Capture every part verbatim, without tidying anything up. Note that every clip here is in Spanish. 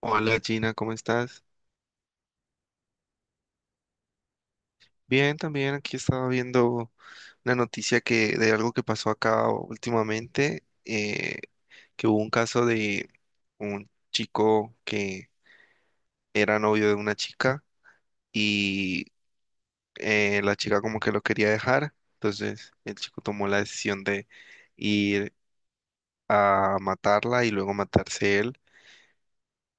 Hola Gina, ¿cómo estás? Bien, también aquí estaba viendo una noticia que de algo que pasó acá últimamente, eh, que hubo un caso de un chico que era novio de una chica y eh, la chica como que lo quería dejar, entonces el chico tomó la decisión de ir a matarla y luego matarse él.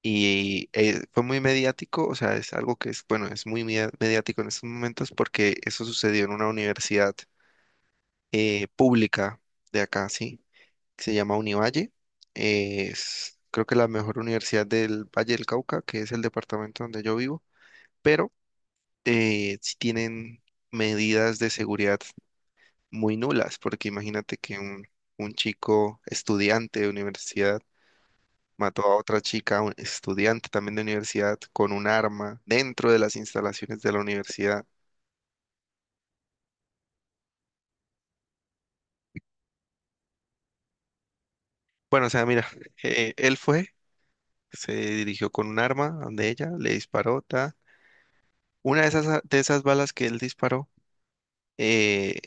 Y eh, fue muy mediático, o sea, es algo que es, bueno, es muy media- mediático en estos momentos porque eso sucedió en una universidad eh, pública de acá, sí, que se llama Univalle. Eh, es creo que la mejor universidad del Valle del Cauca, que es el departamento donde yo vivo, pero eh, sí tienen medidas de seguridad muy nulas, porque imagínate que un, un chico estudiante de universidad mató a otra chica, un estudiante también de universidad, con un arma dentro de las instalaciones de la universidad. Bueno, o sea, mira, eh, él fue, se dirigió con un arma donde ella, le disparó, ta. Una de esas, de esas balas que él disparó, eh,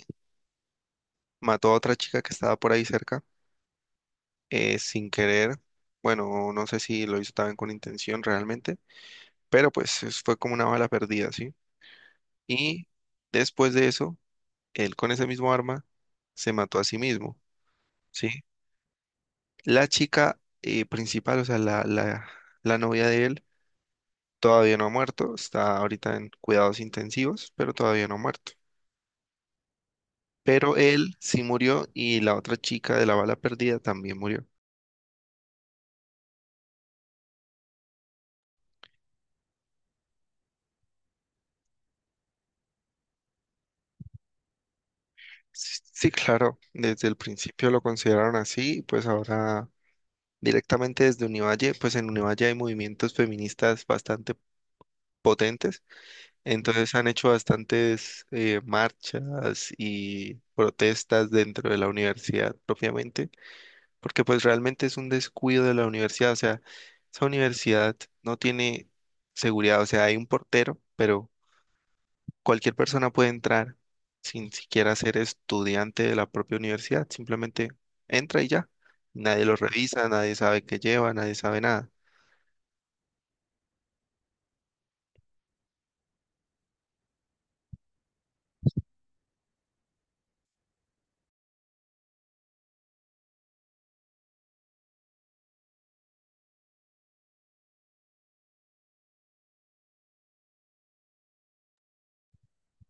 mató a otra chica que estaba por ahí cerca, eh, sin querer. Bueno, no sé si lo hizo también con intención realmente, pero pues es- fue como una bala perdida, ¿sí? Y después de eso, él con ese mismo arma se mató a sí mismo. ¿Sí? La chica eh, principal, o sea, la, la, la novia de él, todavía no ha muerto, está ahorita en cuidados intensivos, pero todavía no ha muerto. Pero él sí murió y la otra chica de la bala perdida también murió. Sí, sí, claro, desde el principio lo consideraron así, pues ahora directamente desde Univalle, pues en Univalle hay movimientos feministas bastante potentes, entonces han hecho bastantes eh, marchas y protestas dentro de la universidad propiamente porque pues realmente es un descuido de la universidad, o sea, esa universidad no tiene seguridad, o sea, hay un portero, pero cualquier persona puede entrar sin siquiera ser estudiante de la propia universidad, simplemente entra y ya, nadie lo revisa, nadie sabe qué lleva, nadie sabe nada.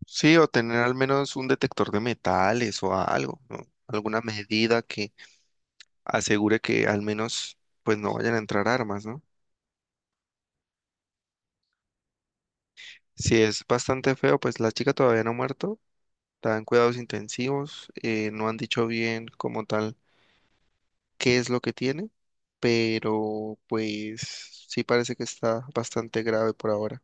Sí, o tener al menos un detector de metales o algo, ¿no? Alguna medida que asegure que al menos pues no vayan a entrar armas, ¿no? Si es bastante feo, pues la chica todavía no ha muerto, está en cuidados intensivos, eh, no han dicho bien como tal qué es lo que tiene, pero pues sí parece que está bastante grave por ahora.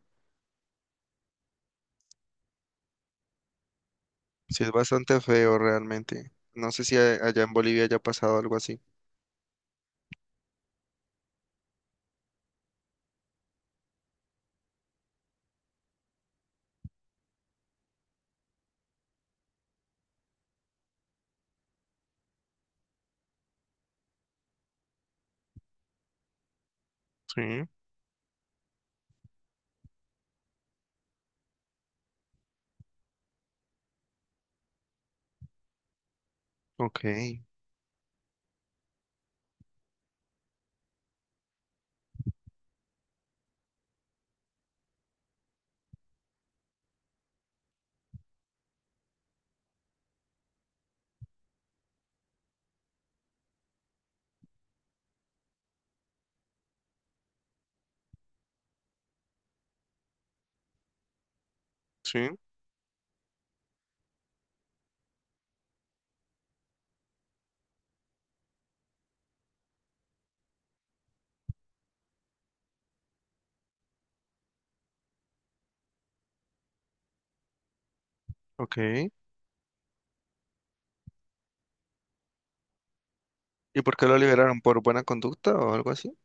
Sí, es bastante feo realmente. No sé si a- allá en Bolivia haya pasado algo así. Sí, ok, sí, ok. ¿Y por qué lo liberaron? ¿Por buena conducta o algo así?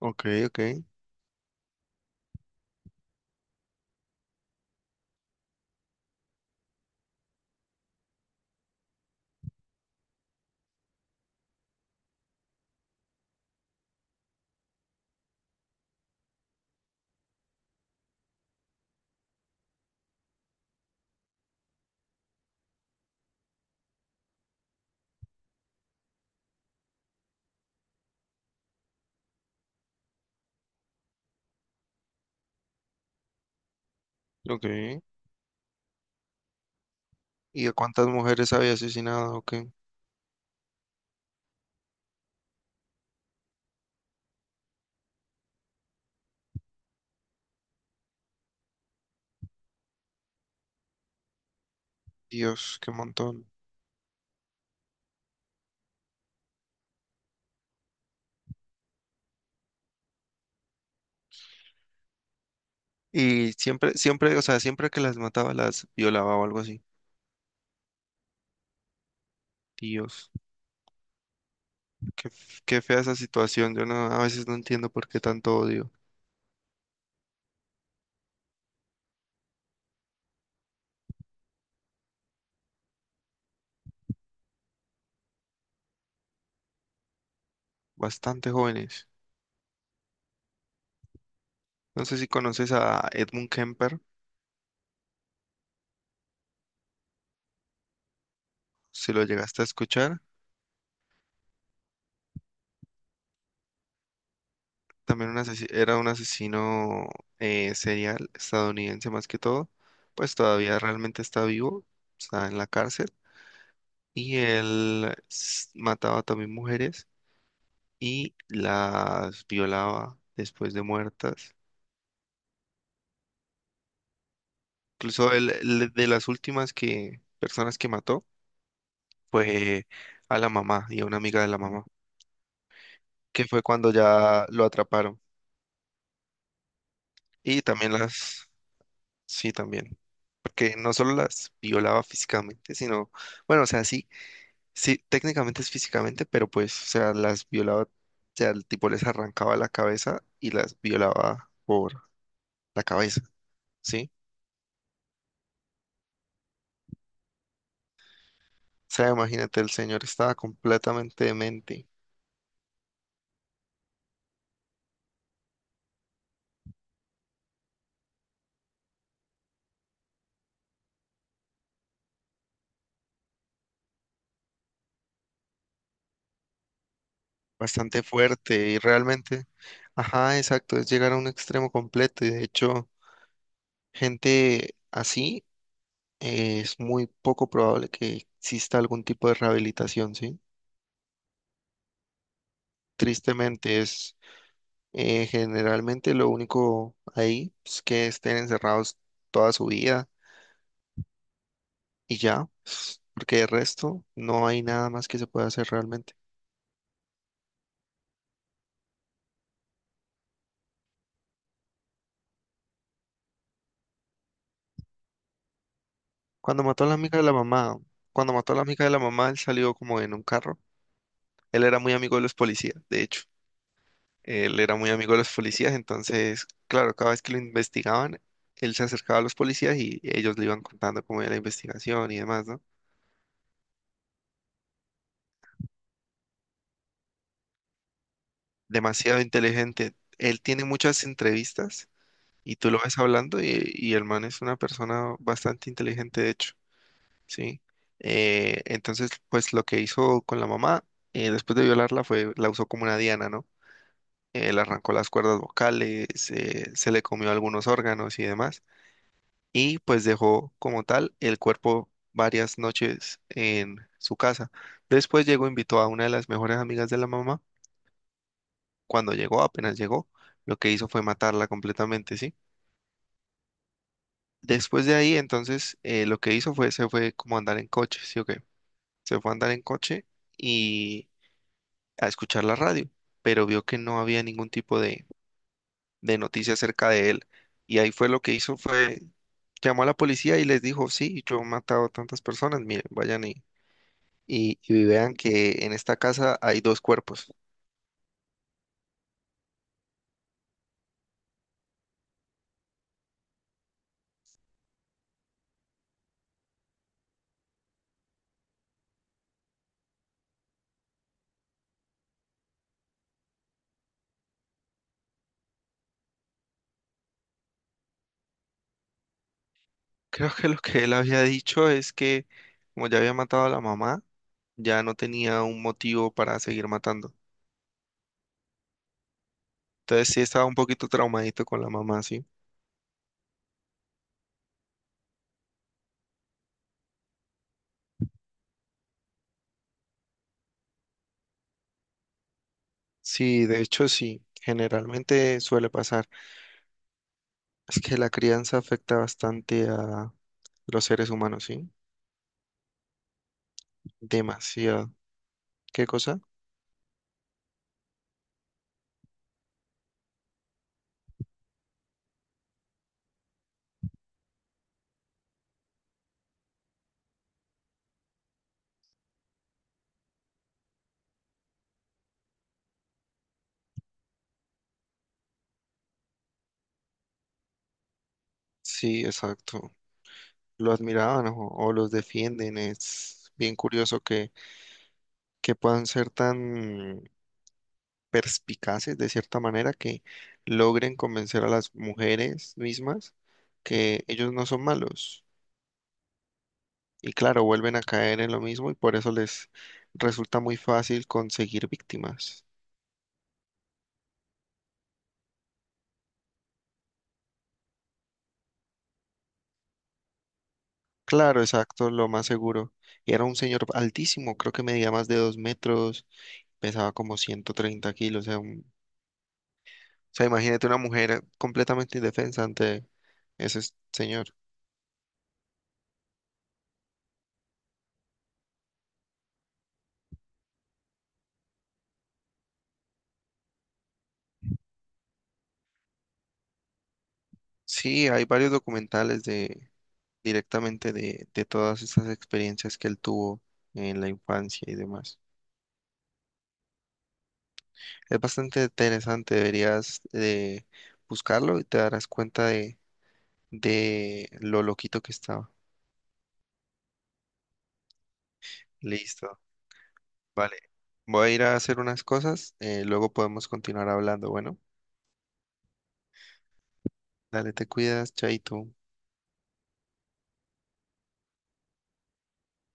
Ok, ok, ok. ¿Y a cuántas mujeres había asesinado? Ok, Dios, qué montón. Y siempre, siempre, o sea, siempre que las mataba, las violaba o algo así. Dios, qué, f- qué fea esa situación. Yo no, a veces no entiendo por qué tanto odio. Bastante jóvenes. No sé si conoces a Edmund Kemper, si lo llegaste a escuchar. También un asesi- era un asesino eh, serial estadounidense más que todo. Pues todavía realmente está vivo, está en la cárcel. Y él s- mataba también mujeres y las violaba después de muertas. Incluso él, él de las últimas que, personas que mató, pues a la mamá y a una amiga de la mamá, que fue cuando ya lo atraparon. Y también las, sí, también, porque no solo las violaba físicamente, sino, bueno, o sea, sí, sí, técnicamente es físicamente, pero pues, o sea, las violaba, o sea, el tipo les arrancaba la cabeza y las violaba por la cabeza, ¿sí? O sea, imagínate, el señor estaba completamente demente, bastante fuerte y realmente, ajá, exacto, es llegar a un extremo completo y de hecho... Gente así eh, es muy poco probable que exista algún tipo de rehabilitación, ¿sí? Tristemente es eh, generalmente lo único ahí es que estén encerrados toda su vida y ya, s- porque de resto no hay nada más que se pueda hacer realmente. Cuando mató a la amiga de la mamá, cuando mató a la amiga de la mamá, él salió como en un carro. Él era muy amigo de los policías, de hecho. Él era muy amigo de los policías, entonces, claro, cada vez que lo investigaban, él se acercaba a los policías y ellos le iban contando cómo era la investigación y demás, ¿no? Demasiado inteligente. Él tiene muchas entrevistas y tú lo ves hablando y, y el man es una persona bastante inteligente, de hecho, ¿sí? Eh, entonces, pues lo que hizo con la mamá, eh, después de violarla, fue, la usó como una diana, ¿no? Eh, le arrancó las cuerdas vocales, eh, se le comió algunos órganos y demás y pues dejó como tal el cuerpo varias noches en su casa. Después llegó, invitó a una de las mejores amigas de la mamá. Cuando llegó, apenas llegó, lo que hizo fue matarla completamente, ¿sí? Después de ahí, entonces, eh, lo que hizo fue, se fue como a andar en coche, ¿sí o qué? Se fue a andar en coche y a escuchar la radio, pero vio que no había ningún tipo de, de noticia acerca de él. Y ahí fue lo que hizo, fue, llamó a la policía y les dijo, sí, yo he matado a tantas personas, miren, vayan y y, y vean que en esta casa hay dos cuerpos. Creo que lo que él había dicho es que como ya había matado a la mamá, ya no tenía un motivo para seguir matando. Entonces sí estaba un poquito traumadito con la mamá, sí. Sí, de hecho sí, generalmente suele pasar. Es que la crianza afecta bastante a los seres humanos, sí. Demasiado. ¿Qué cosa? Sí, exacto. Lo admiraban o, o los defienden. Es bien curioso que, que puedan ser tan perspicaces de cierta manera que logren convencer a las mujeres mismas que ellos no son malos. Y claro, vuelven a caer en lo mismo y por eso les resulta muy fácil conseguir víctimas. Claro, exacto, lo más seguro. Y era un señor altísimo, creo que medía más de dos metros, pesaba como ciento treinta kilos. O sea, un- o sea, imagínate una mujer completamente indefensa ante ese s- señor. Sí, hay varios documentales de directamente de, de todas estas experiencias que él tuvo en la infancia y demás. Es bastante interesante, deberías eh, buscarlo y te darás cuenta de, de lo loquito que estaba. Listo, vale. Voy a ir a hacer unas cosas, eh, luego podemos continuar hablando. Bueno, dale, te cuidas, chaito.